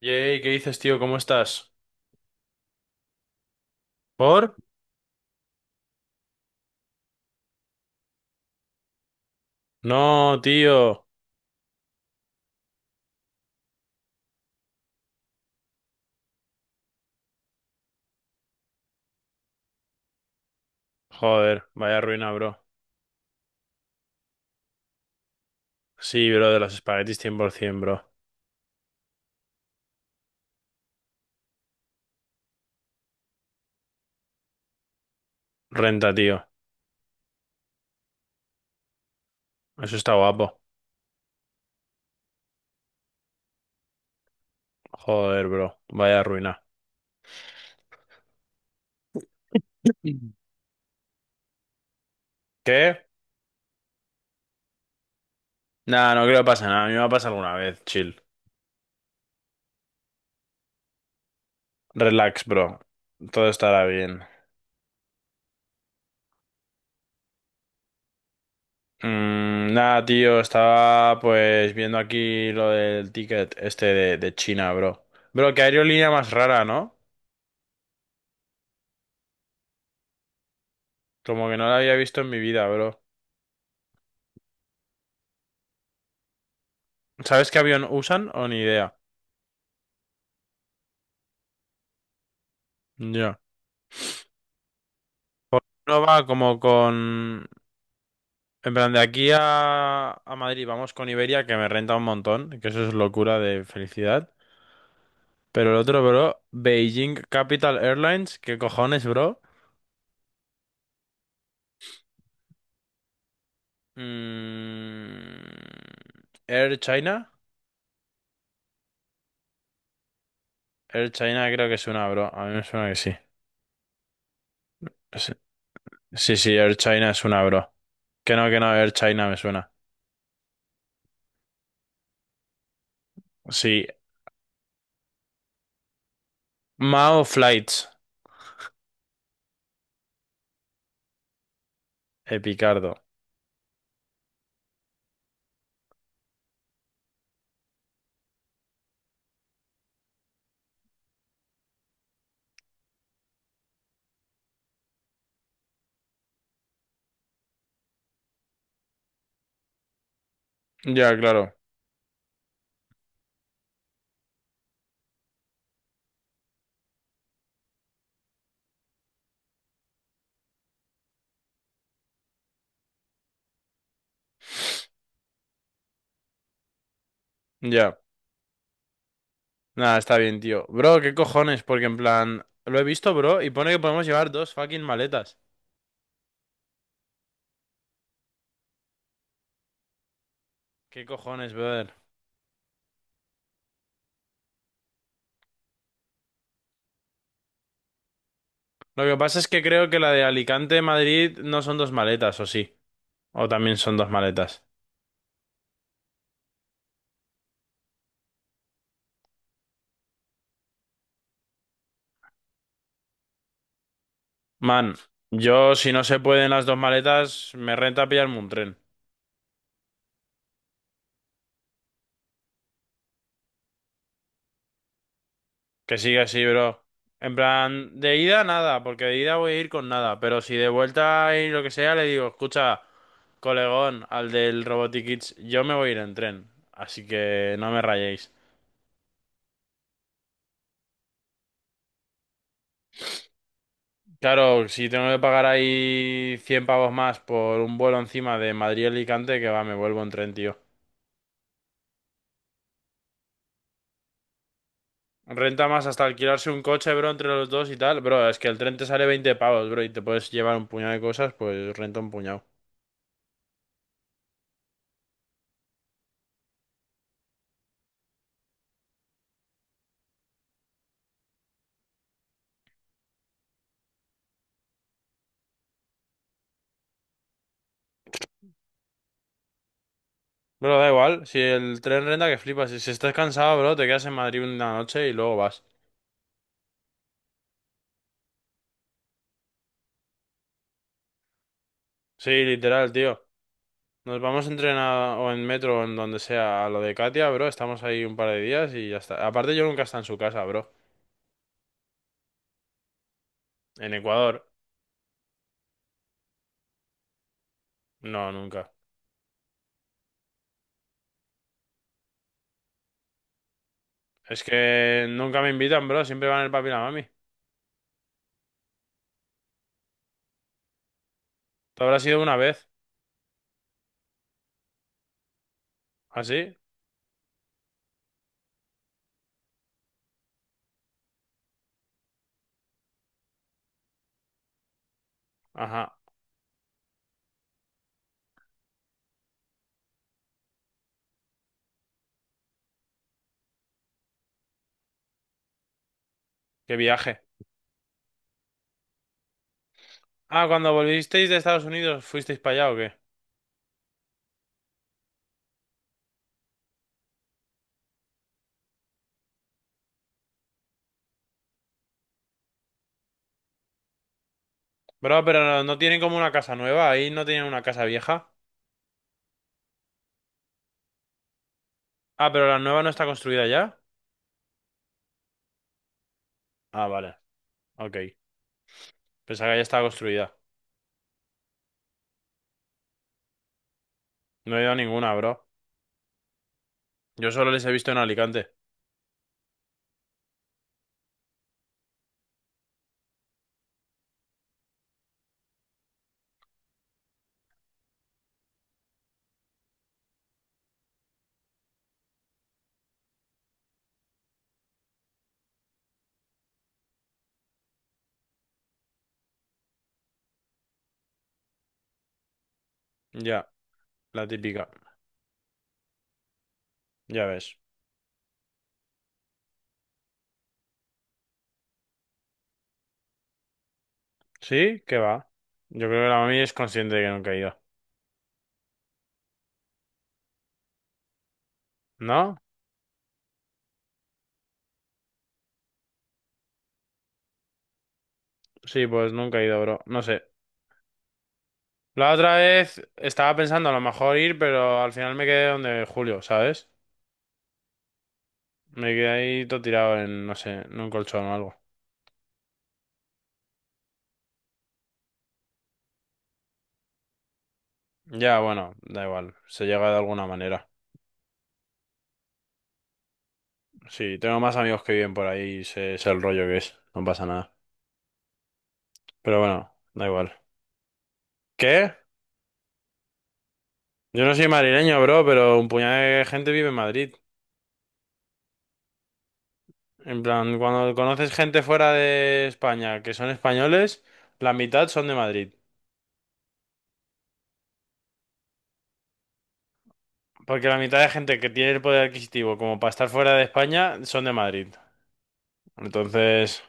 Yay, ¿qué dices, tío? ¿Cómo estás? ¿Por? No, tío. Joder, vaya ruina, bro. Sí, bro, de los espaguetis 100%, bro. Renta, tío. Eso está guapo. Joder, bro. Vaya ruina. Mm. ¿Qué? Nah, no creo que pase nada. A mí me va a pasar alguna vez, chill. Relax, bro. Todo estará bien. Mm, nada, tío. Estaba pues viendo aquí lo del ticket este de China, bro. Bro, qué aerolínea más rara, ¿no? Como que no la había visto en mi vida, bro. ¿Sabes qué avión usan o ni idea? Ya. Porque uno va como con... En plan, de aquí a Madrid vamos con Iberia, que me renta un montón, que eso es locura de felicidad. Pero el otro, bro, Beijing Capital Airlines, ¿qué cojones, bro? Mm, Air China. Air China creo que es una, bro. A mí me suena que sí. Sí, sí, sí, Air China es una, bro. Que no, Air China me suena. Sí. Mao Flights. Epicardo. Ya, claro. Ya. Nada, está bien, tío. Bro, ¿qué cojones? Porque en plan, lo he visto, bro, y pone que podemos llevar dos fucking maletas. ¿Qué cojones, brother? Lo que pasa es que creo que la de Alicante-Madrid no son dos maletas, ¿o sí? O también son dos maletas. Man, yo si no se pueden las dos maletas, me renta pillarme un tren. Que sigue así, bro. En plan, de ida nada, porque de ida voy a ir con nada. Pero si de vuelta y lo que sea, le digo, escucha, colegón, al del Robotikids, yo me voy a ir en tren. Así que no me rayéis. Claro, si tengo que pagar ahí 100 pavos más por un vuelo encima de Madrid a Alicante, que va, me vuelvo en tren, tío. Renta más hasta alquilarse un coche, bro, entre los dos y tal. Bro, es que el tren te sale 20 pavos, bro, y te puedes llevar un puñado de cosas, pues renta un puñado. Bro, da igual, si el tren renta que flipas. Si estás cansado, bro, te quedas en Madrid una noche y luego vas. Sí, literal, tío. Nos vamos en tren a- o en metro o en donde sea a lo de Katia, bro. Estamos ahí un par de días y ya está. Aparte, yo nunca he estado en su casa, bro. En Ecuador, no, nunca. Es que nunca me invitan, bro. Siempre van el papi y la mami. Te habrá sido una vez. ¿Así? Ajá. Qué viaje. Ah, cuando volvisteis de Estados Unidos, ¿fuisteis para allá o qué? Bro, pero no, no tienen como una casa nueva. Ahí no tienen una casa vieja. Ah, pero la nueva no está construida ya. Ah, vale. Ok. Pensaba que ya estaba construida. No he ido a ninguna, bro. Yo solo les he visto en Alicante. Ya, la típica. Ya ves. ¿Sí? ¿Qué va? Yo creo que la mami es consciente de que nunca he ido. ¿No? Sí, pues nunca he ido, bro. No sé. La otra vez estaba pensando a lo mejor ir, pero al final me quedé donde Julio, ¿sabes? Me quedé ahí todo tirado en, no sé, en un colchón o algo. Ya, bueno, da igual, se llega de alguna manera. Sí, tengo más amigos que viven por ahí y sé el rollo que es, no pasa nada. Pero bueno, da igual. ¿Qué? Yo no soy madrileño, bro, pero un puñado de gente vive en Madrid. En plan, cuando conoces gente fuera de España que son españoles, la mitad son de Madrid. Porque la mitad de gente que tiene el poder adquisitivo como para estar fuera de España son de Madrid. Entonces,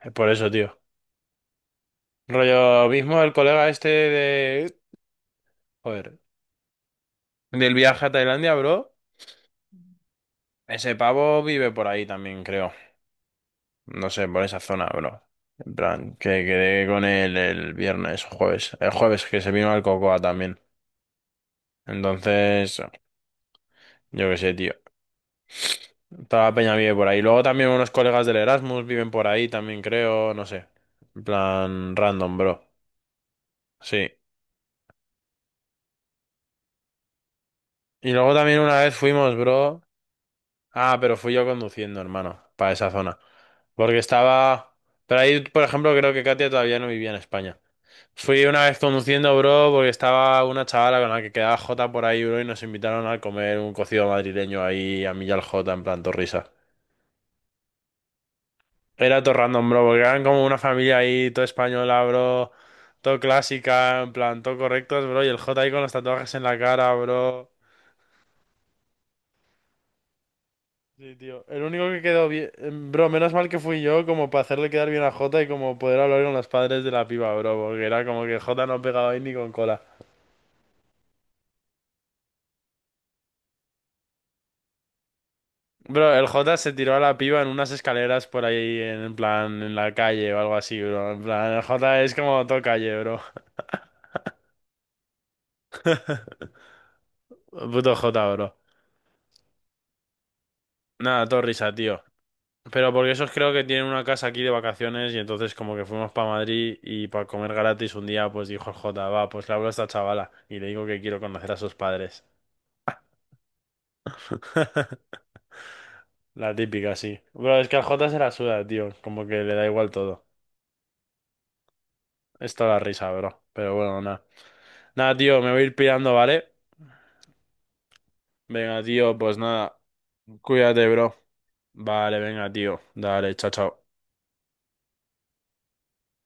es por eso, tío. Rollo mismo el colega este de... Joder. Del viaje a Tailandia, bro. Ese pavo vive por ahí también, creo. No sé, por esa zona, bro. En plan, que quedé con él el viernes o jueves. El jueves que se vino al Cocoa también. Entonces, yo qué sé, tío. Toda la peña vive por ahí. Luego también unos colegas del Erasmus viven por ahí también, creo. No sé. En plan, random, bro. Sí. Y luego también una vez fuimos, bro. Ah, pero fui yo conduciendo, hermano, para esa zona. Porque estaba... Pero ahí, por ejemplo, creo que Katia todavía no vivía en España. Fui una vez conduciendo, bro, porque estaba una chavala con la que quedaba Jota por ahí, bro, y nos invitaron a comer un cocido madrileño ahí a mí y al Jota, en plan, todo. Era todo random, bro, porque eran como una familia ahí, todo española, bro, todo clásica, en plan, todo correctos, bro, y el Jota ahí con los tatuajes en la cara, bro. Sí, tío. El único que quedó bien. Bro, menos mal que fui yo, como para hacerle quedar bien a Jota y como poder hablar con los padres de la piba, bro. Porque era como que Jota no pegaba ahí ni con cola. Bro, el Jota se tiró a la piba en unas escaleras por ahí, en plan, en la calle o algo así, bro. En plan, el Jota es como todo calle, bro. Puto Jota, bro. Nada, todo risa, tío. Pero porque esos creo que tienen una casa aquí de vacaciones y entonces como que fuimos para Madrid y para comer gratis un día, pues dijo el Jota, va, pues le hablo a esta chavala y le digo que quiero conocer a sus padres. La típica, sí. Bro, es que al Jota se la suda, tío. Como que le da igual todo. Esto la risa, bro. Pero bueno, nada. Nada, tío, me voy a ir pirando, ¿vale? Venga, tío, pues nada. Cuídate, bro. Vale, venga, tío. Dale, chao, chao.